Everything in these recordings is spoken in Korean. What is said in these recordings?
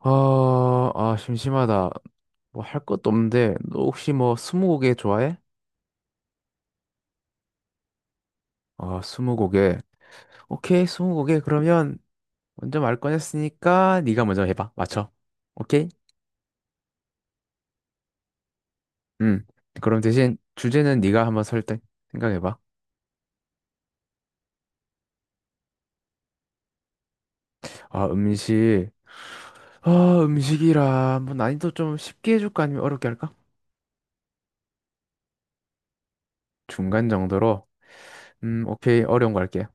아, 심심하다. 뭐 할 것도 없는데, 너 혹시 뭐 스무고개 좋아해? 아, 스무고개. 오케이, 스무고개. 그러면 먼저 말 꺼냈으니까 네가 먼저 해봐. 맞춰. 오케이? 음. 그럼 대신 주제는 네가 한번 설득 생각해봐. 아, 음식. 아, 음식이라 뭐 난이도 좀 쉽게 해줄까 아니면 어렵게 할까? 중간 정도로. 오케이. 어려운 거 할게.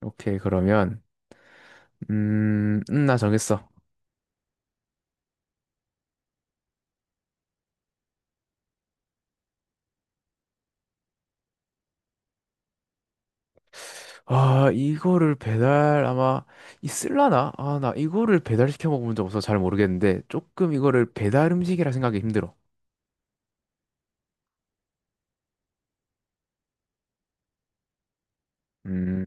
오케이. 그러면 나 정했어. 아, 이거를 배달 아마 있을라나? 아, 나 이거를 배달시켜 먹어본 적 없어서 잘 모르겠는데 조금 이거를 배달 음식이라 생각이 힘들어. 음,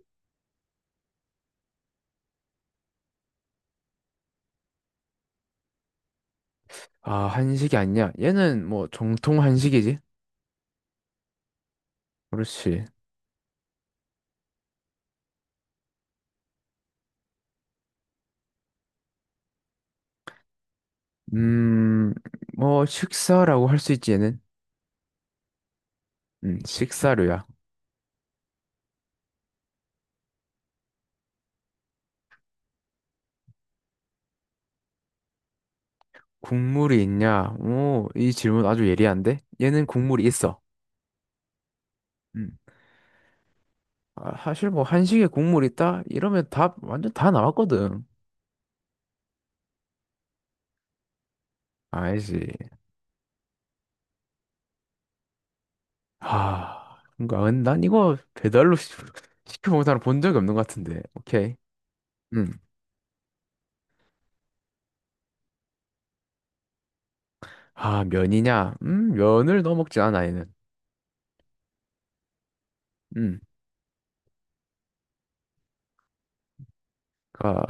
아, 한식이 아니냐? 얘는 뭐 정통 한식이지? 그렇지. 음, 뭐 식사라고 할 수 있지 얘는? 식사류야. 국물이 있냐? 오, 이 질문 아주 예리한데? 얘는 국물이 있어. 음. 아, 사실 뭐 한식에 국물 있다? 이러면 답 완전 다 나왔거든. 알지. 아, 뭔가 난 이거 배달로 시- 시켜 먹은 사람 본 적이 없는 것 같은데. 오케이. 음. 아, 면이냐? 면을 넣어 먹지 않아, 얘는. 음. 그러니까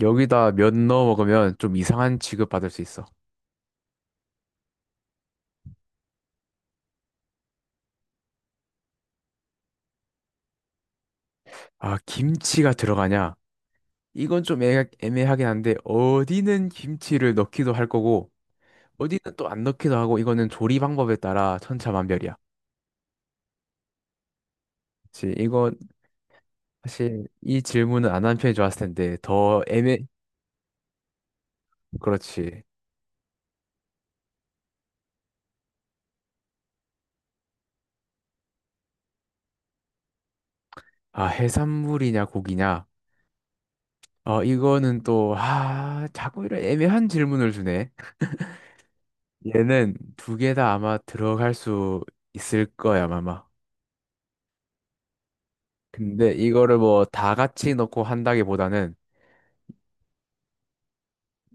여기다 면 넣어 먹으면 좀 이상한 취급 받을 수 있어. 아, 김치가 들어가냐? 이건 좀 애매하긴 한데 어디는 김치를 넣기도 할 거고 어디는 또 안 넣기도 하고 이거는 조리 방법에 따라 천차만별이야. 그렇지. 이거 사실 이 질문은 안 한 편이 좋았을 텐데 더 애매 그렇지. 아, 해산물이냐, 고기냐? 어, 이거는 또, 아, 자꾸 이런 애매한 질문을 주네. 얘는 두 개 다 아마 들어갈 수 있을 거야, 아마. 근데 이거를 뭐 다 같이 넣고 한다기보다는,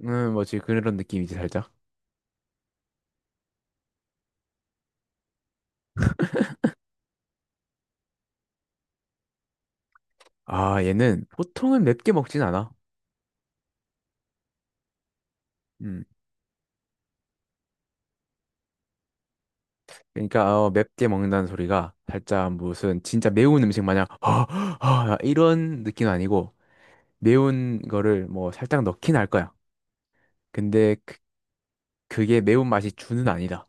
뭐지, 그런 느낌이지, 살짝. 아, 얘는 보통은 맵게 먹진 않아. 음. 그러니까, 어, 맵게 먹는다는 소리가 살짝 무슨 진짜 매운 음식 마냥, 허허허 이런 느낌은 아니고, 매운 거를 뭐 살짝 넣긴 할 거야. 근데 그 그게 매운맛이 주는 아니다.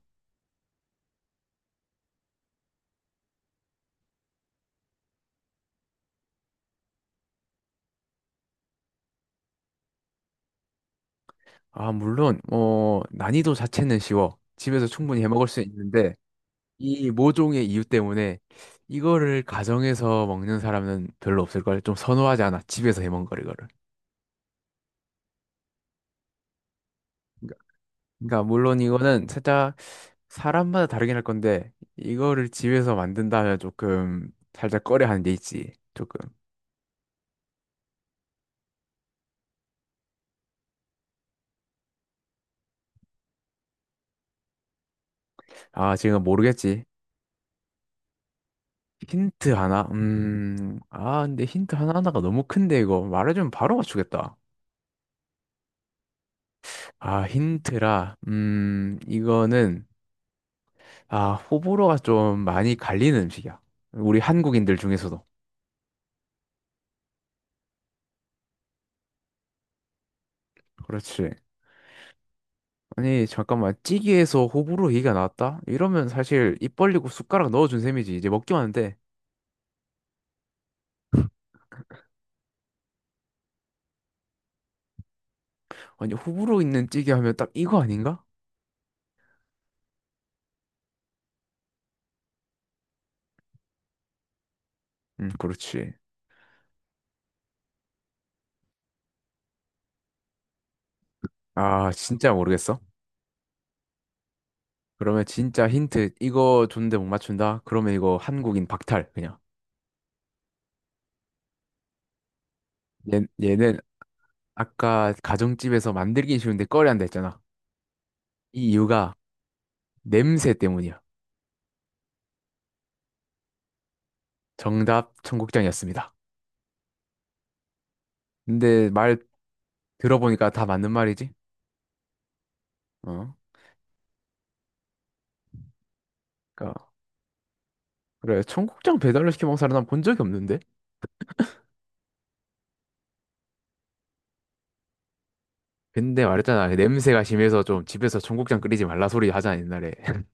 아, 물론, 어, 난이도 자체는 쉬워. 집에서 충분히 해 먹을 수 있는데, 이 모종의 이유 때문에 이거를 가정에서 먹는 사람은 별로 없을걸. 좀 선호하지 않아. 집에서 해 먹는 걸, 이거를. 그러니까, 그러니까 물론 이거는 살짝 사람마다 다르긴 할 건데, 이거를 집에서 만든다면 조금 살짝 꺼려 하는 게 있지. 조금. 아, 지금 모르겠지. 힌트 하나? 아, 근데 힌트 하나하나가 너무 큰데, 이거. 말해주면 바로 맞추겠다. 아, 힌트라. 이거는, 아, 호불호가 좀 많이 갈리는 음식이야. 우리 한국인들 중에서도. 그렇지. 아니, 잠깐만. 찌개에서 호불호 얘기가 나왔다? 이러면 사실 입 벌리고 숟가락 넣어준 셈이지. 이제 먹기만 하는데. 아니, 호불호 있는 찌개 하면 딱 이거 아닌가? 그렇지. 아, 진짜 모르겠어. 그러면 진짜 힌트, 이거 줬는데 못 맞춘다? 그러면 이거 한국인 박탈, 그냥. 얘는 아까 가정집에서 만들긴 쉬운데 꺼려한다 했잖아. 이 이유가 냄새 때문이야. 정답 청국장이었습니다. 근데 말 들어보니까 다 맞는 말이지. 어. 그러니까 그래 청국장 배달로 시켜 먹는 사람 난 본 적이 없는데. 근데 말했잖아 냄새가 심해서 좀 집에서 청국장 끓이지 말라 소리 하잖아 옛날에.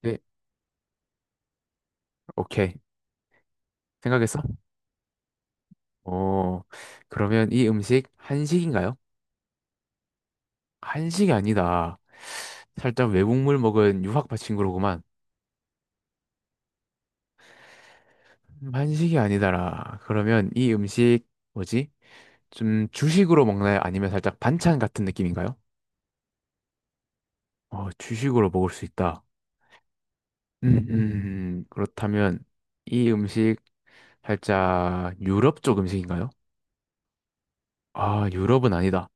네, 오케이 생각했어? 어 그러면 이 음식 한식인가요? 한식이 아니다. 살짝 외국물 먹은 유학파 친구로구만. 한식이 아니다라. 그러면 이 음식 뭐지? 좀 주식으로 먹나요? 아니면 살짝 반찬 같은 느낌인가요? 어, 주식으로 먹을 수 있다. 음, 그렇다면 이 음식 살짝 유럽 쪽 음식인가요? 아, 유럽은 아니다.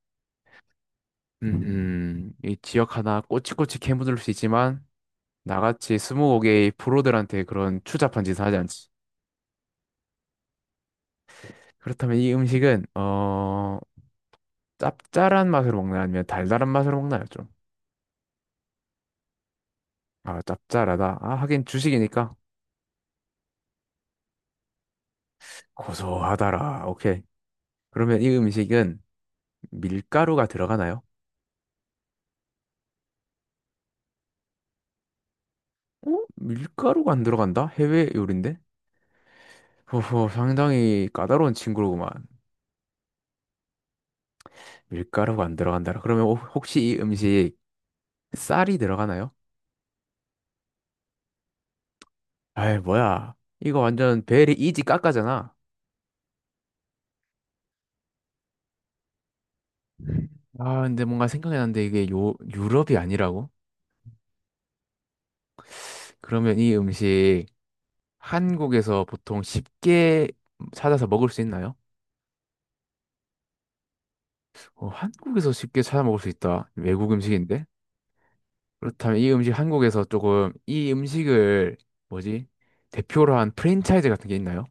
음, 이 지역 하나 꼬치꼬치 캐묻을 수 있지만 나같이 스무고개의 프로들한테 그런 추잡한 짓은 하지 않지. 그렇다면 이 음식은 어 짭짤한 맛으로 먹나요? 아니면 달달한 맛으로 먹나요? 좀. 아, 짭짤하다. 아, 하긴 주식이니까 고소하다라. 오케이. 그러면 이 음식은 밀가루가 들어가나요? 어? 밀가루가 안 들어간다? 해외 요리인데? 호호, 상당히 까다로운 친구로구만. 밀가루가 안 들어간다. 그러면 혹시 이 음식 쌀이 들어가나요? 아이, 뭐야. 이거 완전 베리 이지 깎아잖아. 아, 근데 뭔가 생각이 났는데 이게 요, 유럽이 아니라고? 그러면 이 음식 한국에서 보통 쉽게 찾아서 먹을 수 있나요? 어, 한국에서 쉽게 찾아 먹을 수 있다. 외국 음식인데? 그렇다면 이 음식 한국에서 조금 이 음식을 뭐지? 대표로 한 프랜차이즈 같은 게 있나요?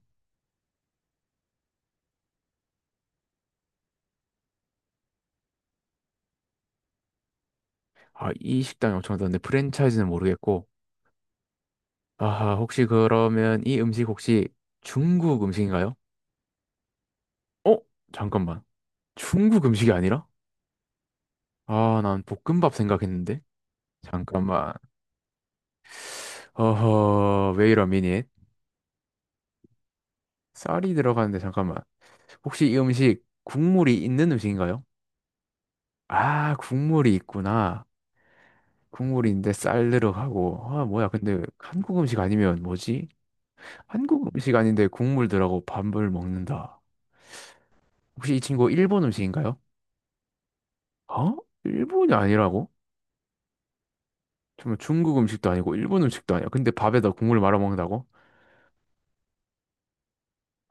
아, 이 식당이 엄청 많던데 프랜차이즈는 모르겠고. 아, 혹시 그러면 이 음식 혹시 중국 음식인가요? 어? 잠깐만. 중국 음식이 아니라? 아, 난 볶음밥 생각했는데. 잠깐만. 어허, 왜이러 미닛 쌀이 들어가는데 잠깐만. 혹시 이 음식 국물이 있는 음식인가요? 아, 국물이 있구나. 국물인데 쌀 들어가고 아 뭐야 근데 한국 음식 아니면 뭐지? 한국 음식 아닌데 국물 들어가고 밥을 먹는다. 혹시 이 친구 일본 음식인가요? 어? 일본이 아니라고? 정말 중국 음식도 아니고 일본 음식도 아니야. 근데 밥에다 국물 말아 먹는다고?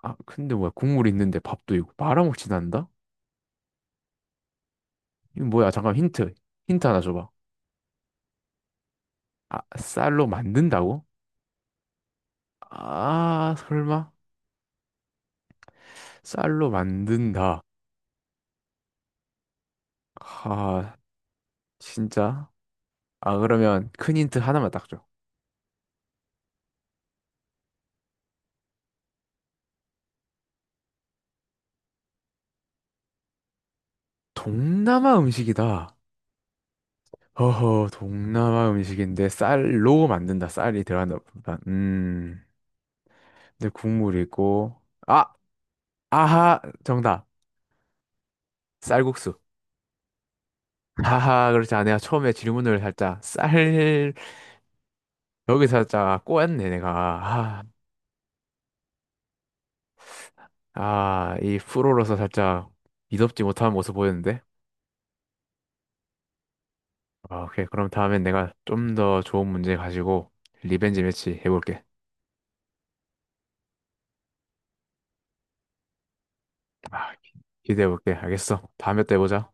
아 근데 뭐야 국물 있는데 밥도 있고 말아 먹진 않는다? 이거 뭐야 잠깐 힌트 하나 줘봐. 아 쌀로 만든다고? 아 설마 쌀로 만든다. 아 진짜? 아 그러면 큰 힌트 하나만 딱 줘. 동남아 음식이다. 허허, 동남아 음식인데 쌀로 만든다. 쌀이 들어간다. 보다. 근데 국물이 있고. 아, 아하, 정답. 쌀국수. 하하, 그렇지. 아, 내가 처음에 질문을 살짝 쌀, 여기 살짝 꼬였네, 내가. 아, 이 프로로서 살짝 미덥지 못한 모습 보였는데. 아, 오케이. 그럼 다음엔 내가 좀 더 좋은 문제 가지고 리벤지 매치 해볼게. 아, 기대해볼게. 알겠어. 다음에 또 해보자.